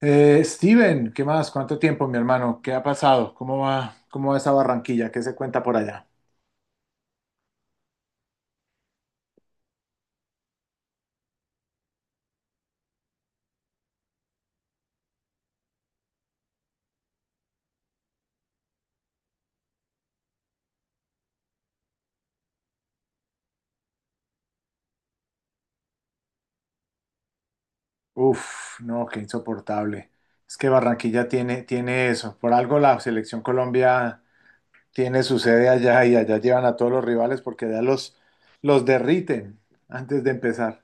Steven, ¿qué más? ¿Cuánto tiempo, mi hermano? ¿Qué ha pasado? ¿Cómo va? ¿Cómo va esa Barranquilla? ¿Qué se cuenta por allá? Uf, no, qué insoportable. Es que Barranquilla tiene eso. Por algo la selección Colombia tiene su sede allá y allá llevan a todos los rivales porque allá los derriten antes de empezar.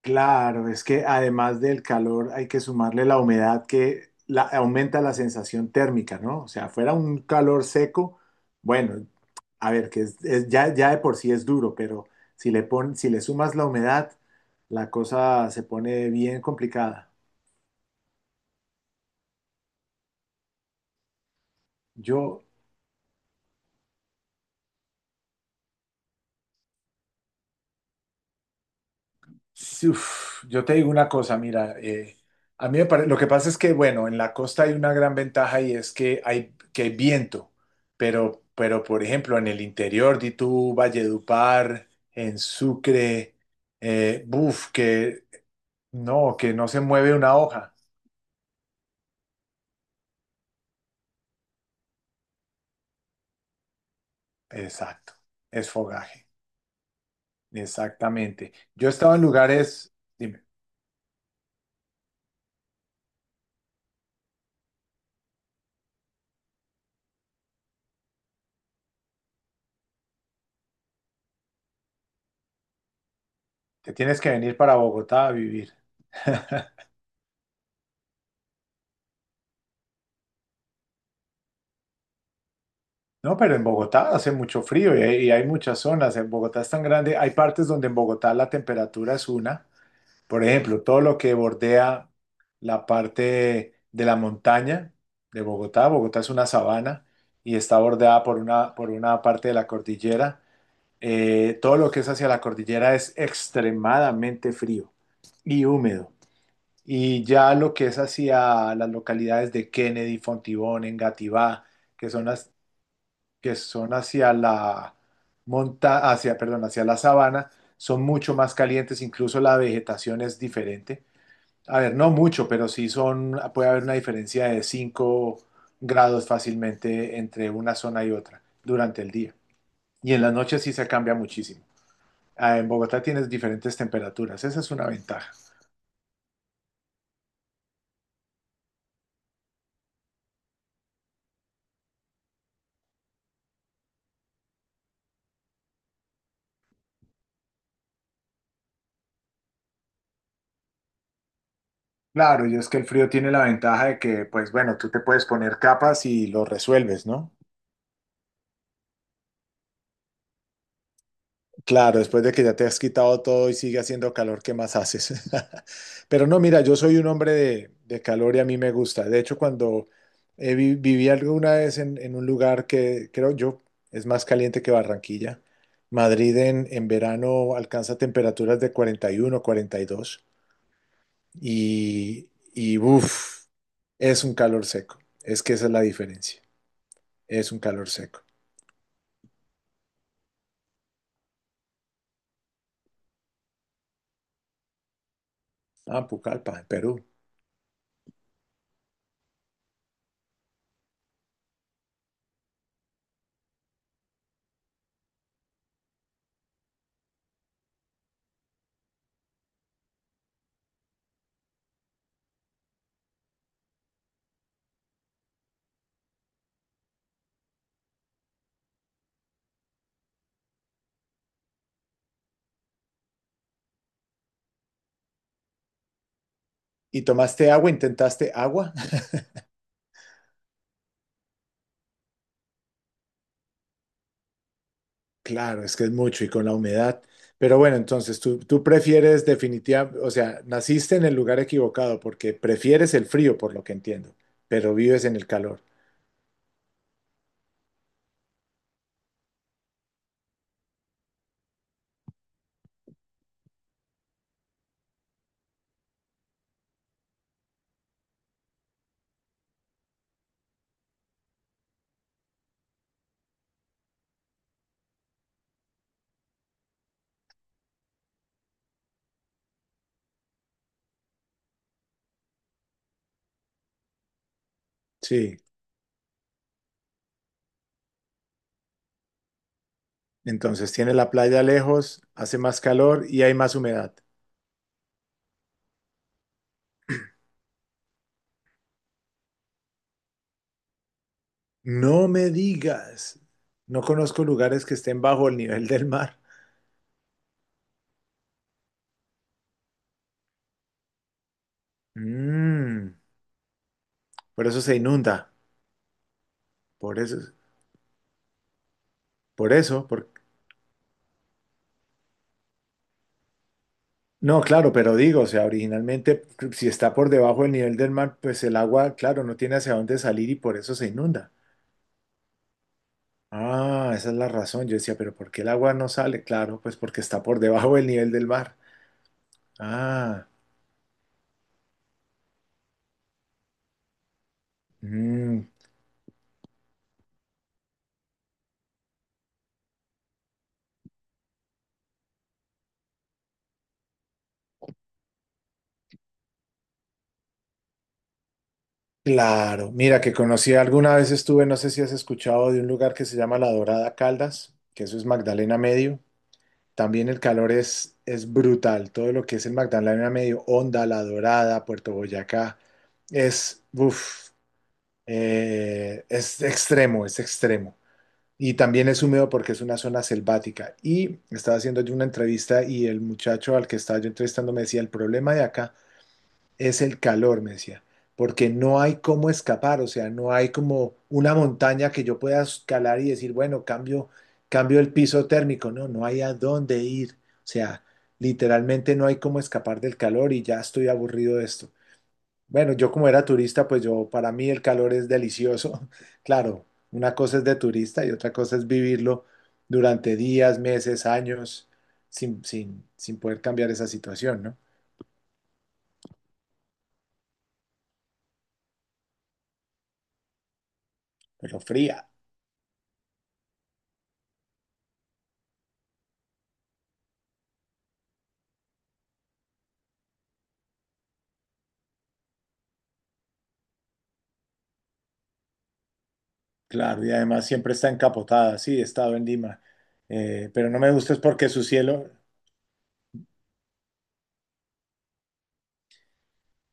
Claro, es que además del calor hay que sumarle la humedad que aumenta la sensación térmica, ¿no? O sea, fuera un calor seco, bueno, a ver, que ya de por sí es duro, pero si le sumas la humedad, la cosa se pone bien complicada. Yo, Sí, uf, yo te digo una cosa, mira, a mí me pare- lo que pasa es que, bueno, en la costa hay una gran ventaja y es que que hay viento, pero, por ejemplo, en el interior, de tú, Valledupar, en Sucre, buf, que no se mueve una hoja. Exacto, es fogaje, exactamente. Yo he estado en lugares, dime, te tienes que venir para Bogotá a vivir. No, pero en Bogotá hace mucho frío y y hay muchas zonas. En Bogotá es tan grande. Hay partes donde en Bogotá la temperatura es una. Por ejemplo, todo lo que bordea la parte de la montaña de Bogotá. Bogotá es una sabana y está bordeada por por una parte de la cordillera. Todo lo que es hacia la cordillera es extremadamente frío y húmedo. Y ya lo que es hacia las localidades de Kennedy, Fontibón, Engativá, que son las que son hacia la hacia la sabana, son mucho más calientes, incluso la vegetación es diferente. A ver, no mucho, pero sí son, puede haber una diferencia de 5 grados fácilmente entre una zona y otra durante el día. Y en la noche sí se cambia muchísimo. Ah, en Bogotá tienes diferentes temperaturas, esa es una ventaja. Claro, y es que el frío tiene la ventaja de que, pues bueno, tú te puedes poner capas y lo resuelves, ¿no? Claro, después de que ya te has quitado todo y sigue haciendo calor, ¿qué más haces? Pero no, mira, yo soy un hombre de calor y a mí me gusta. De hecho, cuando viví alguna vez en, un lugar que creo yo es más caliente que Barranquilla, Madrid en verano alcanza temperaturas de 41, 42 y, dos y uff, es un calor seco. Es que esa es la diferencia. Es un calor seco. Ah, Pucallpa, en Perú. ¿Y tomaste agua? ¿Intentaste agua? Claro, es que es mucho y con la humedad. Pero bueno, entonces tú prefieres definitivamente, o sea, naciste en el lugar equivocado porque prefieres el frío, por lo que entiendo, pero vives en el calor. Sí, entonces tiene la playa lejos, hace más calor y hay más humedad. No me digas, no conozco lugares que estén bajo el nivel del mar. Mm, por eso se inunda, por eso, por eso, por- no, claro, pero digo, o sea, originalmente si está por debajo del nivel del mar, pues el agua, claro, no tiene hacia dónde salir y por eso se inunda. Ah, esa es la razón. Yo decía, pero ¿por qué el agua no sale? Claro, pues porque está por debajo del nivel del mar. Ah, mm, claro. Mira, que conocí alguna vez estuve, no sé si has escuchado de un lugar que se llama La Dorada Caldas, que eso es Magdalena Medio. También el calor es brutal. Todo lo que es el Magdalena Medio, Honda, La Dorada, Puerto Boyacá, es, uff. Es extremo, es extremo. Y también es húmedo porque es una zona selvática. Y estaba haciendo yo una entrevista y el muchacho al que estaba yo entrevistando me decía, el problema de acá es el calor, me decía, porque no hay cómo escapar, o sea, no hay como una montaña que yo pueda escalar y decir, bueno, cambio, cambio el piso térmico, no, no hay a dónde ir, o sea, literalmente no hay cómo escapar del calor y ya estoy aburrido de esto. Bueno, yo como era turista, pues yo, para mí el calor es delicioso. Claro, una cosa es de turista y otra cosa es vivirlo durante días, meses, años, sin poder cambiar esa situación, ¿no? Pero fría, claro, y además siempre está encapotada, sí, he estado en Lima, pero no me gusta es porque su cielo.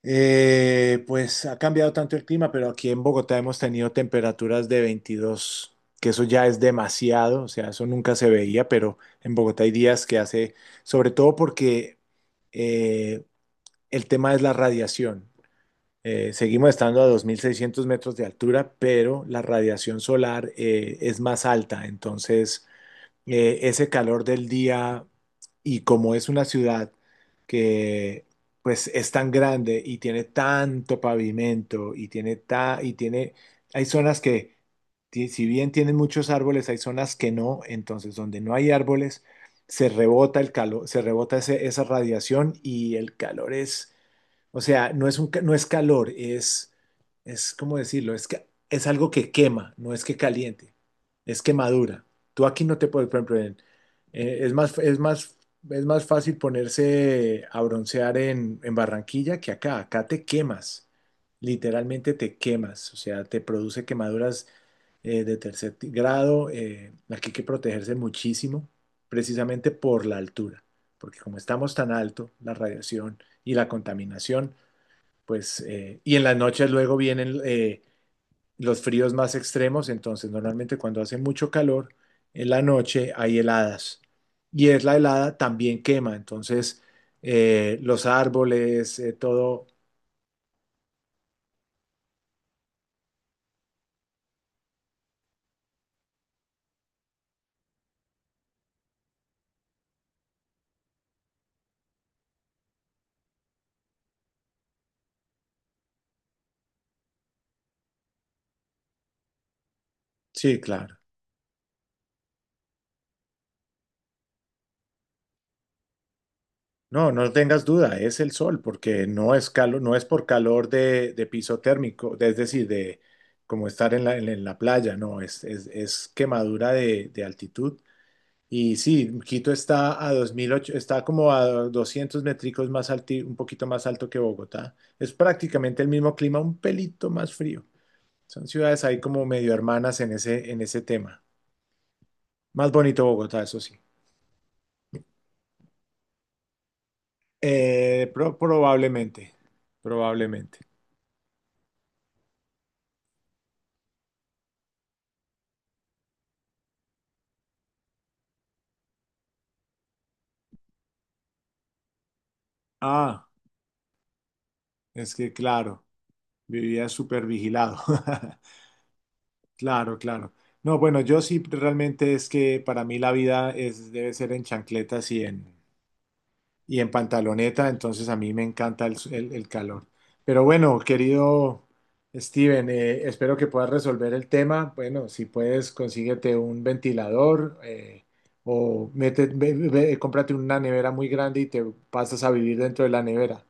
Pues ha cambiado tanto el clima, pero aquí en Bogotá hemos tenido temperaturas de 22, que eso ya es demasiado, o sea, eso nunca se veía, pero en Bogotá hay días que hace, sobre todo porque eh, el tema es la radiación. Seguimos estando a 2.600 metros de altura, pero la radiación solar es más alta, entonces ese calor del día y como es una ciudad que pues es tan grande y tiene tanto pavimento y tiene y tiene hay zonas que si bien tienen muchos árboles, hay zonas que no, entonces donde no hay árboles se rebota el calor, se rebota esa radiación y el calor es, o sea, no es calor, ¿cómo decirlo? Es que es algo que quema, no es que caliente, es quemadura. Tú aquí no te puedes, por ejemplo, eh, es más, es más, es más fácil ponerse a broncear en Barranquilla que acá. Acá te quemas, literalmente te quemas, o sea, te produce quemaduras de tercer grado. Eh, aquí hay que protegerse muchísimo, precisamente por la altura, porque como estamos tan alto, la radiación y la contaminación, pues, y en las noches luego vienen los fríos más extremos, entonces normalmente cuando hace mucho calor, en la noche hay heladas y es la helada también quema, entonces los árboles, todo, sí, claro. No, no tengas duda, es el sol, porque no es calor, no es por calor de piso térmico, es decir, de como estar en la playa, no, es quemadura de altitud. Y sí, Quito está a 2008, está como a 200 métricos más alto, un poquito más alto que Bogotá. Es prácticamente el mismo clima, un pelito más frío. Son ciudades ahí como medio hermanas en ese tema. Más bonito Bogotá, eso sí. Probablemente, probablemente. Ah, es que claro, vivía súper vigilado. Claro, claro. No, bueno, yo sí realmente es que para mí la vida es, debe ser en chancletas y en pantaloneta, entonces a mí me encanta el calor. Pero bueno, querido Steven, espero que puedas resolver el tema. Bueno, si puedes, consíguete un ventilador o mete, cómprate una nevera muy grande y te pasas a vivir dentro de la nevera.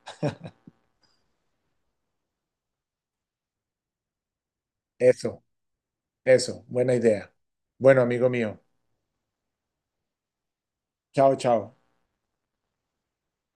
Eso, eso, buena idea. Bueno, amigo mío, chao, chao.